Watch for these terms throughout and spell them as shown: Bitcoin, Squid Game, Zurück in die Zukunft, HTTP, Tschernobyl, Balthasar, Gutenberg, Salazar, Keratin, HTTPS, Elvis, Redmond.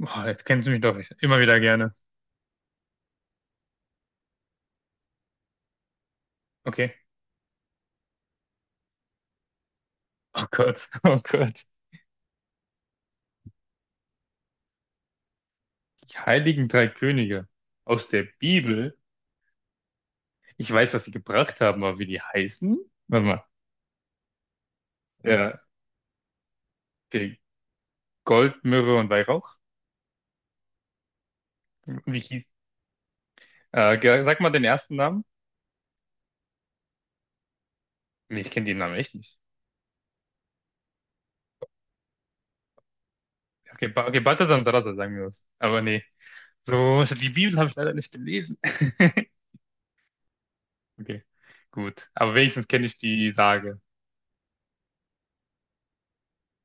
Boah, jetzt kennst du mich doch immer wieder gerne. Okay. Oh Gott, oh Gott. Die heiligen drei Könige aus der Bibel. Ich weiß, was sie gebracht haben, aber wie die heißen? Warte mal. Ja, okay. Gold, Myrrhe und Weihrauch. Wie hieß? Sag mal den ersten Namen. Nee, ich kenne den Namen echt nicht. Okay, Balthasar und Salazar, sagen wir das. Aber nee. So, die Bibel habe ich leider nicht gelesen. Okay, gut. Aber wenigstens kenne ich die Sage.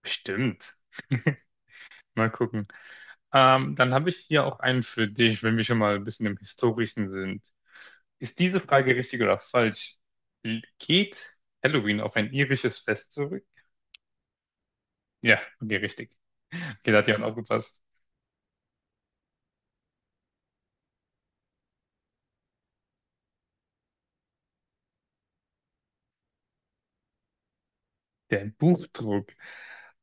Bestimmt. Mal gucken. Dann habe ich hier auch einen für dich, wenn wir schon mal ein bisschen im Historischen sind. Ist diese Frage richtig oder falsch? Geht Halloween auf ein irisches Fest zurück? Ja, okay, richtig. Okay, da hat jemand aufgepasst. Der Buchdruck.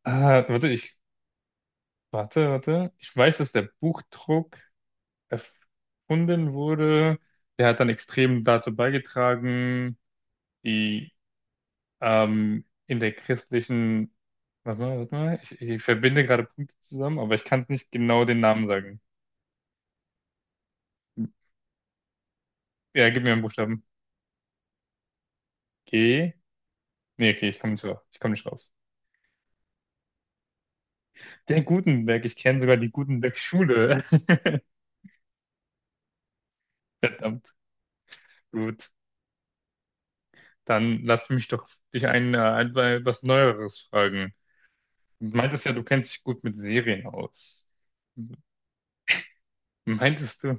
Ah, warte, warte. Ich weiß, dass der Buchdruck erfunden wurde. Der hat dann extrem dazu beigetragen, die in der christlichen, warte mal, ich verbinde gerade Punkte zusammen, aber ich kann nicht genau den Namen sagen. Ja, gib mir einen Buchstaben. G. Nee, okay, ich komme nicht drauf. Ich komme nicht drauf. Der Gutenberg, ich kenne sogar die Gutenberg-Schule. Verdammt. Gut. Dann lass mich doch dich ein was Neueres fragen. Du meintest ja, du kennst dich gut mit Serien aus. Meintest du?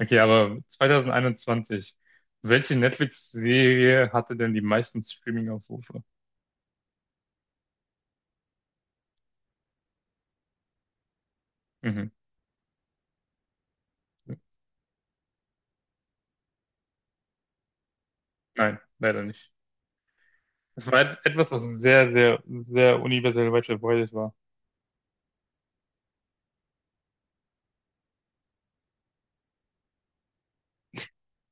Okay, aber 2021, welche Netflix-Serie hatte denn die meisten Streaming-Aufrufe? Mhm. Nein, leider nicht. Es war etwas, was sehr, sehr, sehr universell weit verbreitet war.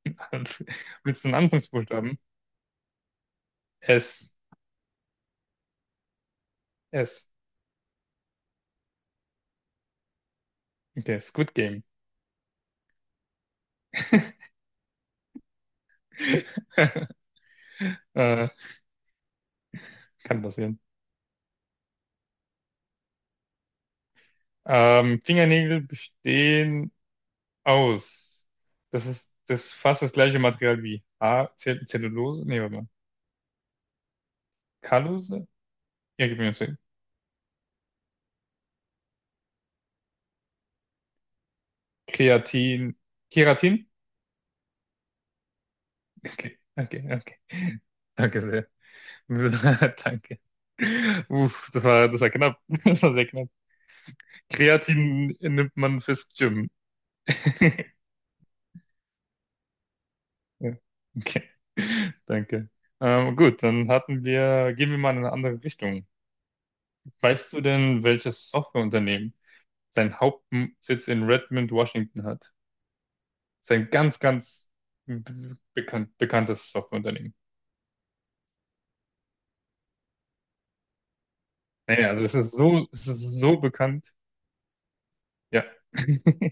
Willst du einen Anfangsbuchstaben? S. S. Okay, Squid Game. äh, kann passieren. Fingernägel bestehen aus. Das ist das fast das gleiche Material wie A, Zellulose. Nee, warte mal. Callose? Ja, gib mir. Kreatin. Keratin? Okay, okay, okay. Danke sehr. Danke. Uff, das war knapp. Das war sehr knapp. Kreatin nimmt man fürs Gym. Ja, okay. Danke. Gut, dann hatten wir, gehen wir mal in eine andere Richtung. Weißt du denn, welches Softwareunternehmen seinen Hauptsitz in Redmond, Washington, hat? Das ist ein ganz, ganz bekanntes Softwareunternehmen. Naja, also es ist so bekannt. Ja.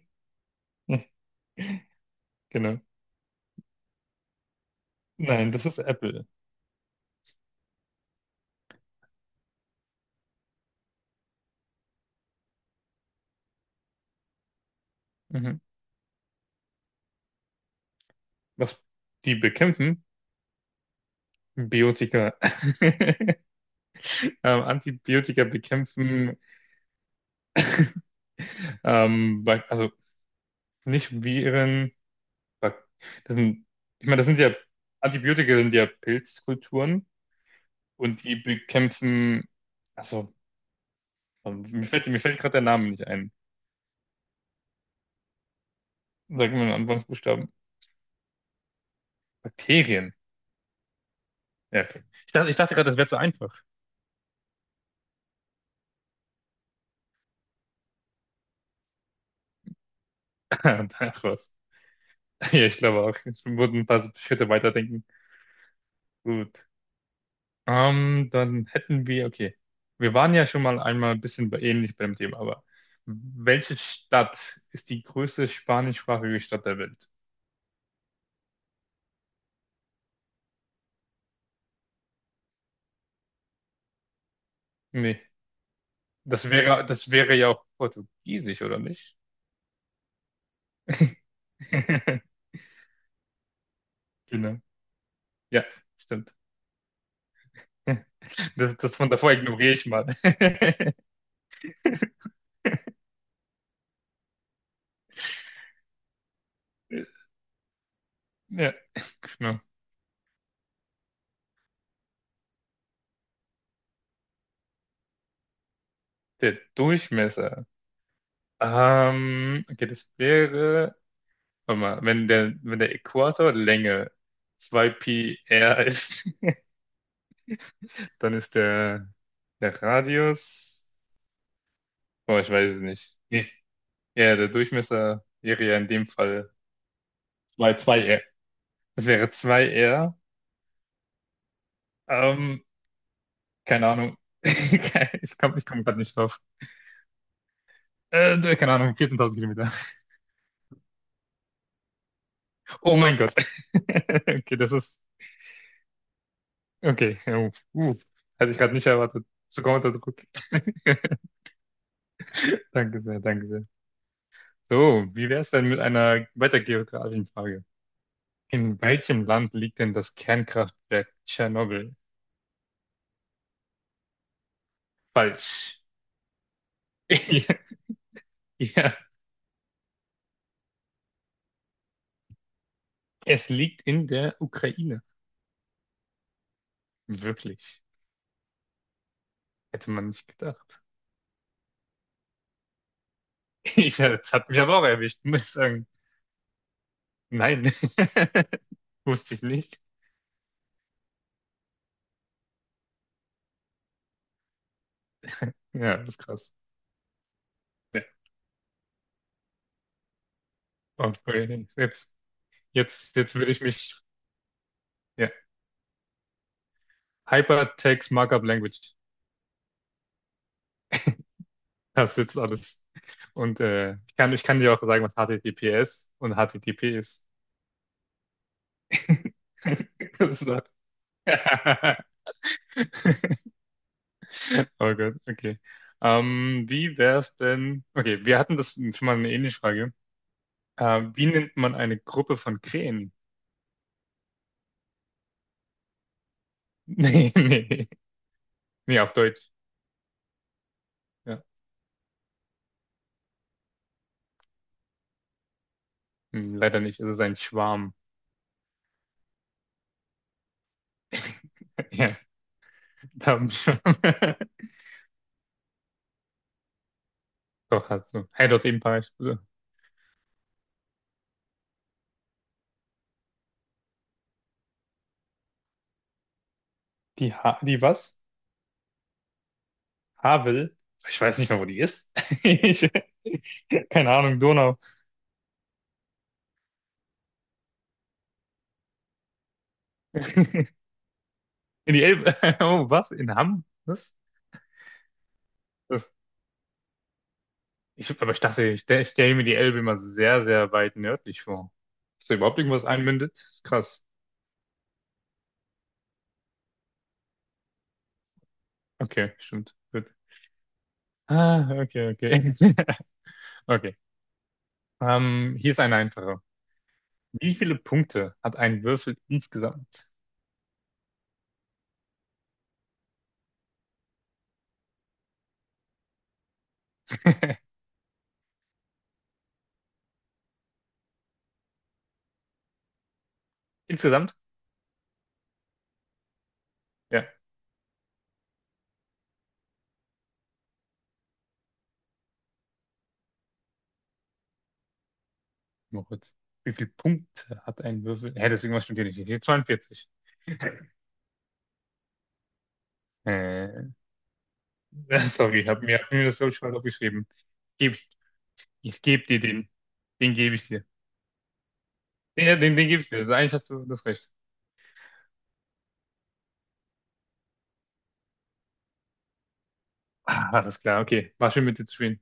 Genau. Nein, das ist Apple. Mhm. Was die bekämpfen? Biotika. Antibiotika bekämpfen, also nicht Viren. Bak Das sind, ich meine, das sind ja, Antibiotika sind ja Pilzkulturen und die bekämpfen, also, mir fällt gerade der Name nicht ein. Sag mir einen Anfangsbuchstaben. Bakterien. Ja, okay. Ich dachte gerade, das wäre zu einfach. Ach was. Ja, ich glaube auch. Es wurden ein paar so Schritte weiterdenken. Gut. Dann hätten wir, okay. Wir waren ja schon mal einmal ein bisschen ähnlich beim Thema, aber welche Stadt ist die größte spanischsprachige Stadt der Welt? Nee. Das wäre ja auch Portugiesisch, oder nicht? Genau. Ja, stimmt. Das, das von davor, ignoriere ich mal. Ja, genau. Der Durchmesser. Okay, das wäre. Warte mal, wenn der Äquator Länge 2pi r ist, dann ist der Radius, oh, ich weiß es nicht. Nee. Ja, der Durchmesser wäre ja in dem Fall zwei r. Das wäre zwei r. Ähm, keine Ahnung. Ich komm gerade nicht drauf. Keine Ahnung, 14.000 Kilometer. Oh mein Gott. Okay, das ist, okay. Hatte ich gerade nicht erwartet. So kommt der Druck. Danke sehr, danke sehr. So, wie wäre es denn mit einer weiter geografischen Frage? In welchem Land liegt denn das Kernkraftwerk Tschernobyl? Falsch. Ja, es liegt in der Ukraine. Wirklich. Hätte man nicht gedacht. Das hat mich aber auch erwischt, muss ich sagen. Nein. Wusste ich nicht. Ja, das ist krass. Ja. Okay, jetzt will ich mich. Ja. Hypertext Markup Language. Das sitzt alles. Und ich kann dir auch sagen, was HTTPS und HTTP ist. So. Oh Gott, okay. Wie wär's denn? Okay, wir hatten das schon mal, eine ähnliche Frage. Wie nennt man eine Gruppe von Krähen? Nee, nee, nee, auf Deutsch. Ja. Leider nicht, es ist ein Schwarm. Ja, da haben wir schon. Doch, hast du. Hey, dort eben paar. Die was? Havel, ich weiß nicht mal, wo die ist. Keine Ahnung, Donau. In die Elbe. Oh, was? In Hamm? Was? Das, aber ich dachte, ich stelle mir die Elbe immer sehr, sehr weit nördlich vor. Ist da überhaupt irgendwas einmündet? Ist krass. Okay, stimmt. Gut. Ah, okay, okay. Okay. Hier ist eine einfache. Wie viele Punkte hat ein Würfel insgesamt? Insgesamt? Ja, nur kurz. Wie viele Punkte hat ein Würfel? Hä, deswegen, was stimmt hier nicht. Hier 42. Sorry, hab mir das so schwer aufgeschrieben. Geb, ich gebe dir den. Den gebe ich dir. Den gebe ich dir. Also eigentlich hast du das Recht. Ah, alles klar, okay. War schön mit dir zu spielen.